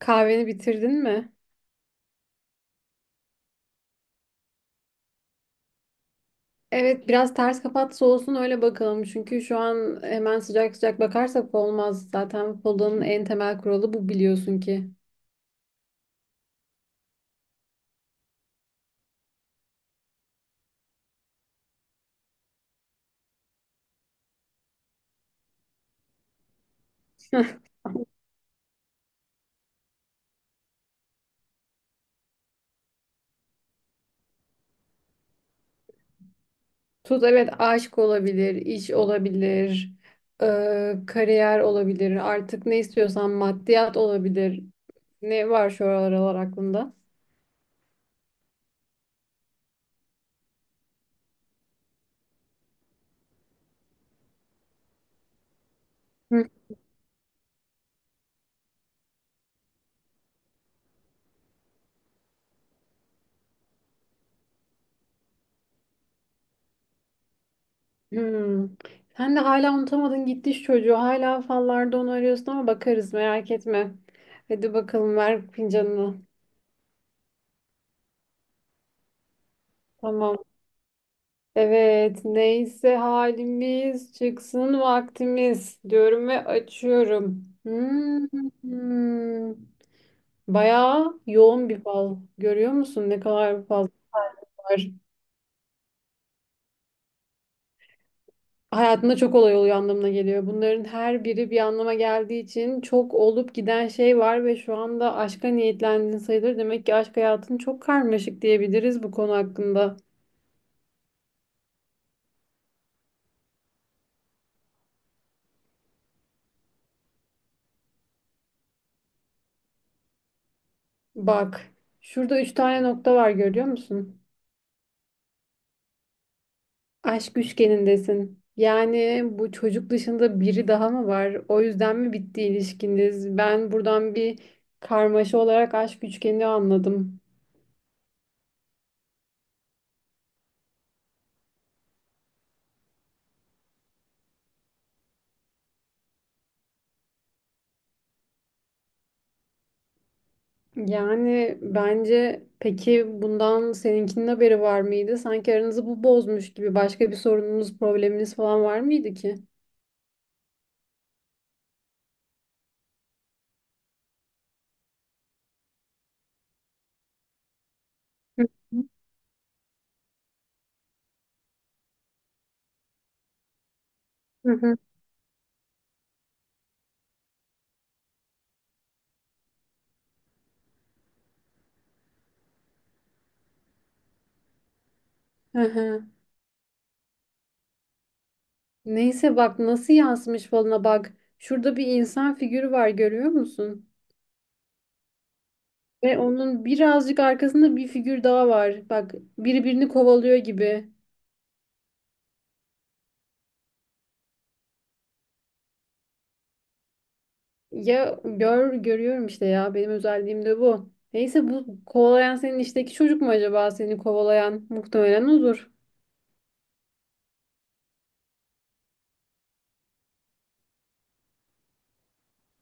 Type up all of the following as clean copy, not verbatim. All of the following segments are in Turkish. Kahveni bitirdin mi? Evet, biraz ters kapat olsun öyle bakalım. Çünkü şu an hemen sıcak sıcak bakarsak olmaz. Zaten Pola'nın en temel kuralı bu, biliyorsun ki. Tut, evet, aşk olabilir, iş olabilir, kariyer olabilir. Artık ne istiyorsan, maddiyat olabilir. Ne var şu aralar aklında? Hı. Hmm. Sen de hala unutamadın gitti şu çocuğu. Hala fallarda onu arıyorsun ama bakarız, merak etme. Hadi bakalım, ver fincanını. Tamam. Evet, neyse halimiz çıksın vaktimiz diyorum ve açıyorum. Bayağı yoğun bir fal. Görüyor musun ne kadar fazla var? Hayatında çok olay oluyor anlamına geliyor. Bunların her biri bir anlama geldiği için çok olup giden şey var ve şu anda aşka niyetlendin sayılır. Demek ki aşk hayatın çok karmaşık, diyebiliriz bu konu hakkında. Bak, şurada üç tane nokta var, görüyor musun? Aşk üçgenindesin. Yani bu çocuk dışında biri daha mı var? O yüzden mi bitti ilişkiniz? Ben buradan bir karmaşa olarak aşk üçgeni anladım. Yani bence, peki bundan seninkinin haberi var mıydı? Sanki aranızı bu bozmuş gibi, başka bir sorununuz, probleminiz falan var mıydı ki? Hı hı hı. hı. Hı hı. Neyse, bak nasıl yansımış falına, bak. Şurada bir insan figürü var, görüyor musun? Ve onun birazcık arkasında bir figür daha var. Bak, birbirini kovalıyor gibi. Ya görüyorum işte, ya benim özelliğim de bu. Neyse, bu kovalayan senin işteki çocuk mu acaba, seni kovalayan? Muhtemelen odur.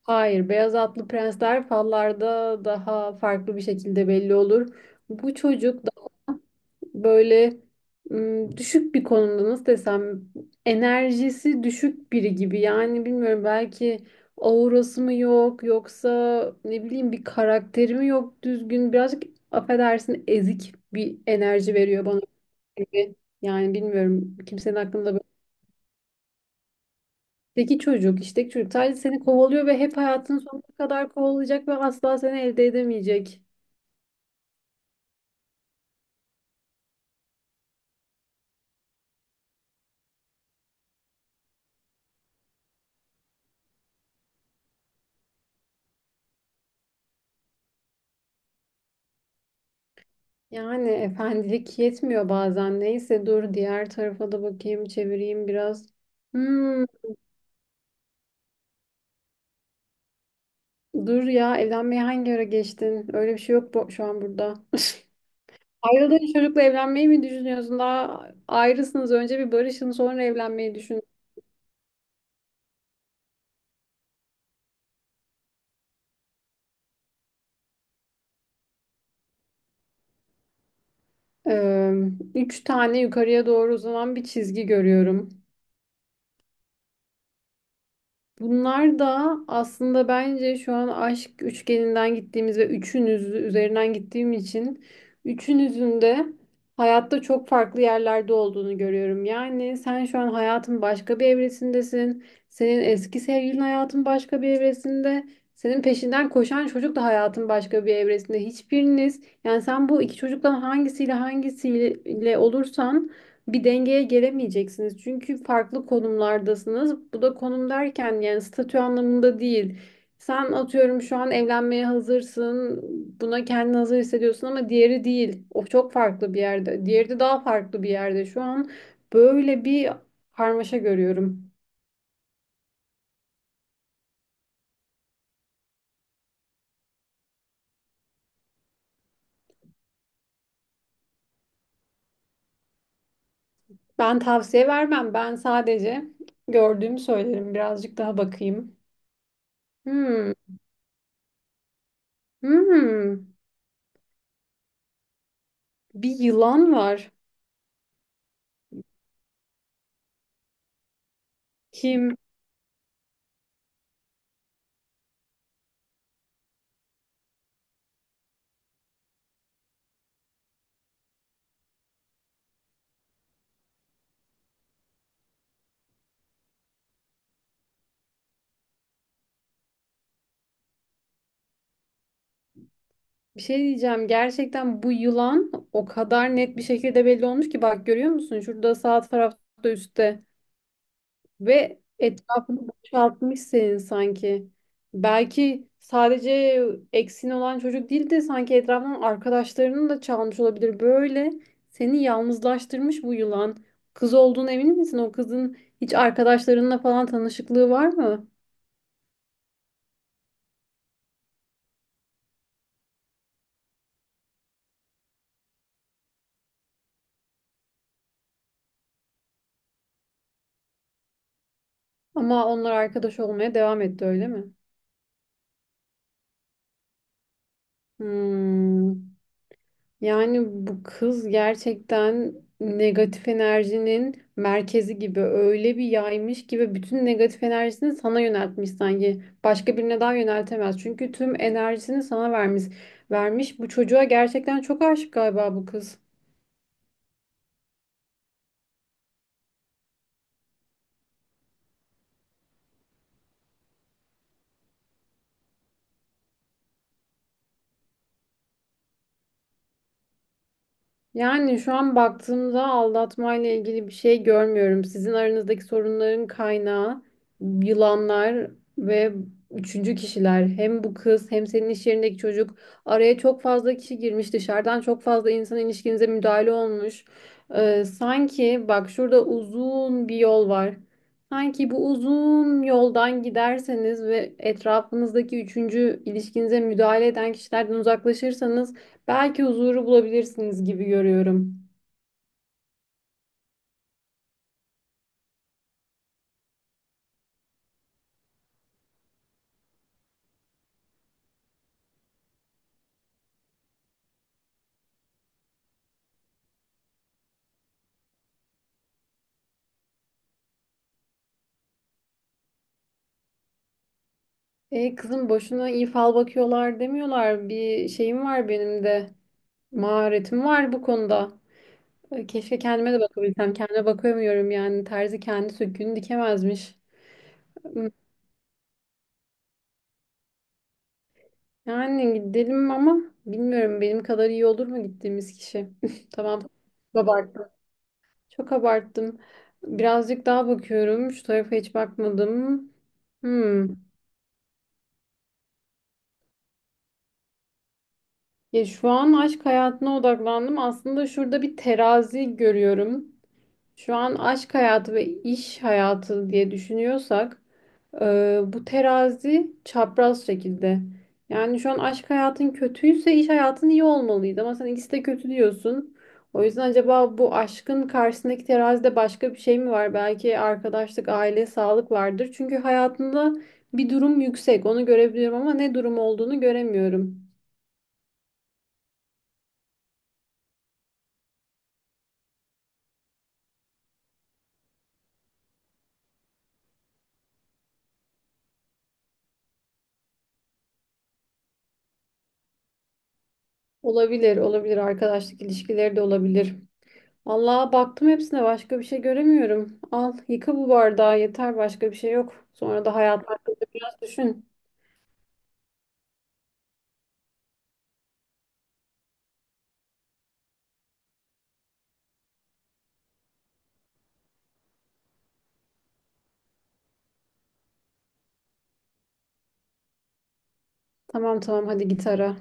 Hayır, beyaz atlı prensler fallarda daha farklı bir şekilde belli olur. Bu çocuk böyle düşük bir konumda, nasıl desem, enerjisi düşük biri gibi. Yani bilmiyorum, belki aurası mı yok, yoksa ne bileyim, bir karakteri mi yok düzgün, birazcık, affedersin, ezik bir enerji veriyor bana gibi. Yani bilmiyorum kimsenin aklında böyle. Peki çocuk, işte çocuk sadece seni kovalıyor ve hep hayatının sonuna kadar kovalayacak ve asla seni elde edemeyecek. Yani efendilik yetmiyor bazen. Neyse, dur diğer tarafa da bakayım, çevireyim biraz. Hmm, dur ya, evlenmeye hangi ara geçtin? Öyle bir şey yok bu, şu an burada. Ayrıldığın çocukla evlenmeyi mi düşünüyorsun? Daha ayrısınız. Önce bir barışın, sonra evlenmeyi düşün. Ee, üç tane yukarıya doğru uzanan bir çizgi görüyorum. Bunlar da aslında bence şu an aşk üçgeninden gittiğimiz ve üçünüz üzerinden gittiğim için üçünüzün de hayatta çok farklı yerlerde olduğunu görüyorum. Yani sen şu an hayatın başka bir evresindesin. Senin eski sevgilin hayatın başka bir evresinde. Senin peşinden koşan çocuk da hayatın başka bir evresinde. Hiçbiriniz, yani sen bu iki çocuktan hangisiyle hangisiyle olursan bir dengeye gelemeyeceksiniz. Çünkü farklı konumlardasınız. Bu da konum derken yani statü anlamında değil. Sen, atıyorum, şu an evlenmeye hazırsın. Buna kendini hazır hissediyorsun ama diğeri değil. O çok farklı bir yerde. Diğeri de daha farklı bir yerde. Şu an böyle bir karmaşa görüyorum. Ben tavsiye vermem. Ben sadece gördüğümü söylerim. Birazcık daha bakayım. Hmm. Hmm. Bir yılan var. Kim? Bir şey diyeceğim. Gerçekten bu yılan o kadar net bir şekilde belli olmuş ki, bak görüyor musun? Şurada sağ tarafta, üstte, ve etrafını boşaltmış senin sanki. Belki sadece eksin olan çocuk değil de sanki etrafından arkadaşlarının da çalmış olabilir. Böyle seni yalnızlaştırmış bu yılan. Kız olduğuna emin misin? O kızın hiç arkadaşlarınla falan tanışıklığı var mı? Ama onlar arkadaş olmaya devam etti öyle mi? Hmm. Yani bu kız gerçekten negatif enerjinin merkezi gibi, öyle bir yaymış ki ve bütün negatif enerjisini sana yöneltmiş sanki. Başka birine daha yöneltemez. Çünkü tüm enerjisini sana vermiş. Vermiş. Bu çocuğa gerçekten çok aşık galiba bu kız. Yani şu an baktığımda aldatmayla ilgili bir şey görmüyorum. Sizin aranızdaki sorunların kaynağı yılanlar ve üçüncü kişiler. Hem bu kız hem senin iş yerindeki çocuk. Araya çok fazla kişi girmiş. Dışarıdan çok fazla insan ilişkinize müdahale olmuş. Sanki bak şurada uzun bir yol var. Sanki bu uzun yoldan giderseniz ve etrafınızdaki üçüncü ilişkinize müdahale eden kişilerden uzaklaşırsanız, belki huzuru bulabilirsiniz gibi görüyorum. E, kızım, boşuna iyi fal bakıyorlar demiyorlar. Bir şeyim var benim de. Maharetim var bu konuda. E, keşke kendime de bakabilsem. Kendime bakamıyorum yani. Terzi kendi söküğünü dikemezmiş. Hmm, Yani gidelim ama bilmiyorum benim kadar iyi olur mu gittiğimiz kişi. Tamam. Çok abarttım. Çok abarttım. Birazcık daha bakıyorum. Şu tarafa hiç bakmadım. Hmm. Ya şu an aşk hayatına odaklandım. Aslında şurada bir terazi görüyorum. Şu an aşk hayatı ve iş hayatı diye düşünüyorsak, bu terazi çapraz şekilde. Yani şu an aşk hayatın kötüyse iş hayatın iyi olmalıydı ama sen ikisi de kötü diyorsun. O yüzden acaba bu aşkın karşısındaki terazide başka bir şey mi var? Belki arkadaşlık, aile, sağlık vardır. Çünkü hayatında bir durum yüksek. Onu görebiliyorum ama ne durum olduğunu göremiyorum. Olabilir, olabilir. Arkadaşlık ilişkileri de olabilir. Vallahi baktım hepsine, başka bir şey göremiyorum. Al, yıka bu bardağı, yeter, başka bir şey yok. Sonra da hayat hakkında biraz düşün. Tamam tamam, hadi git ara.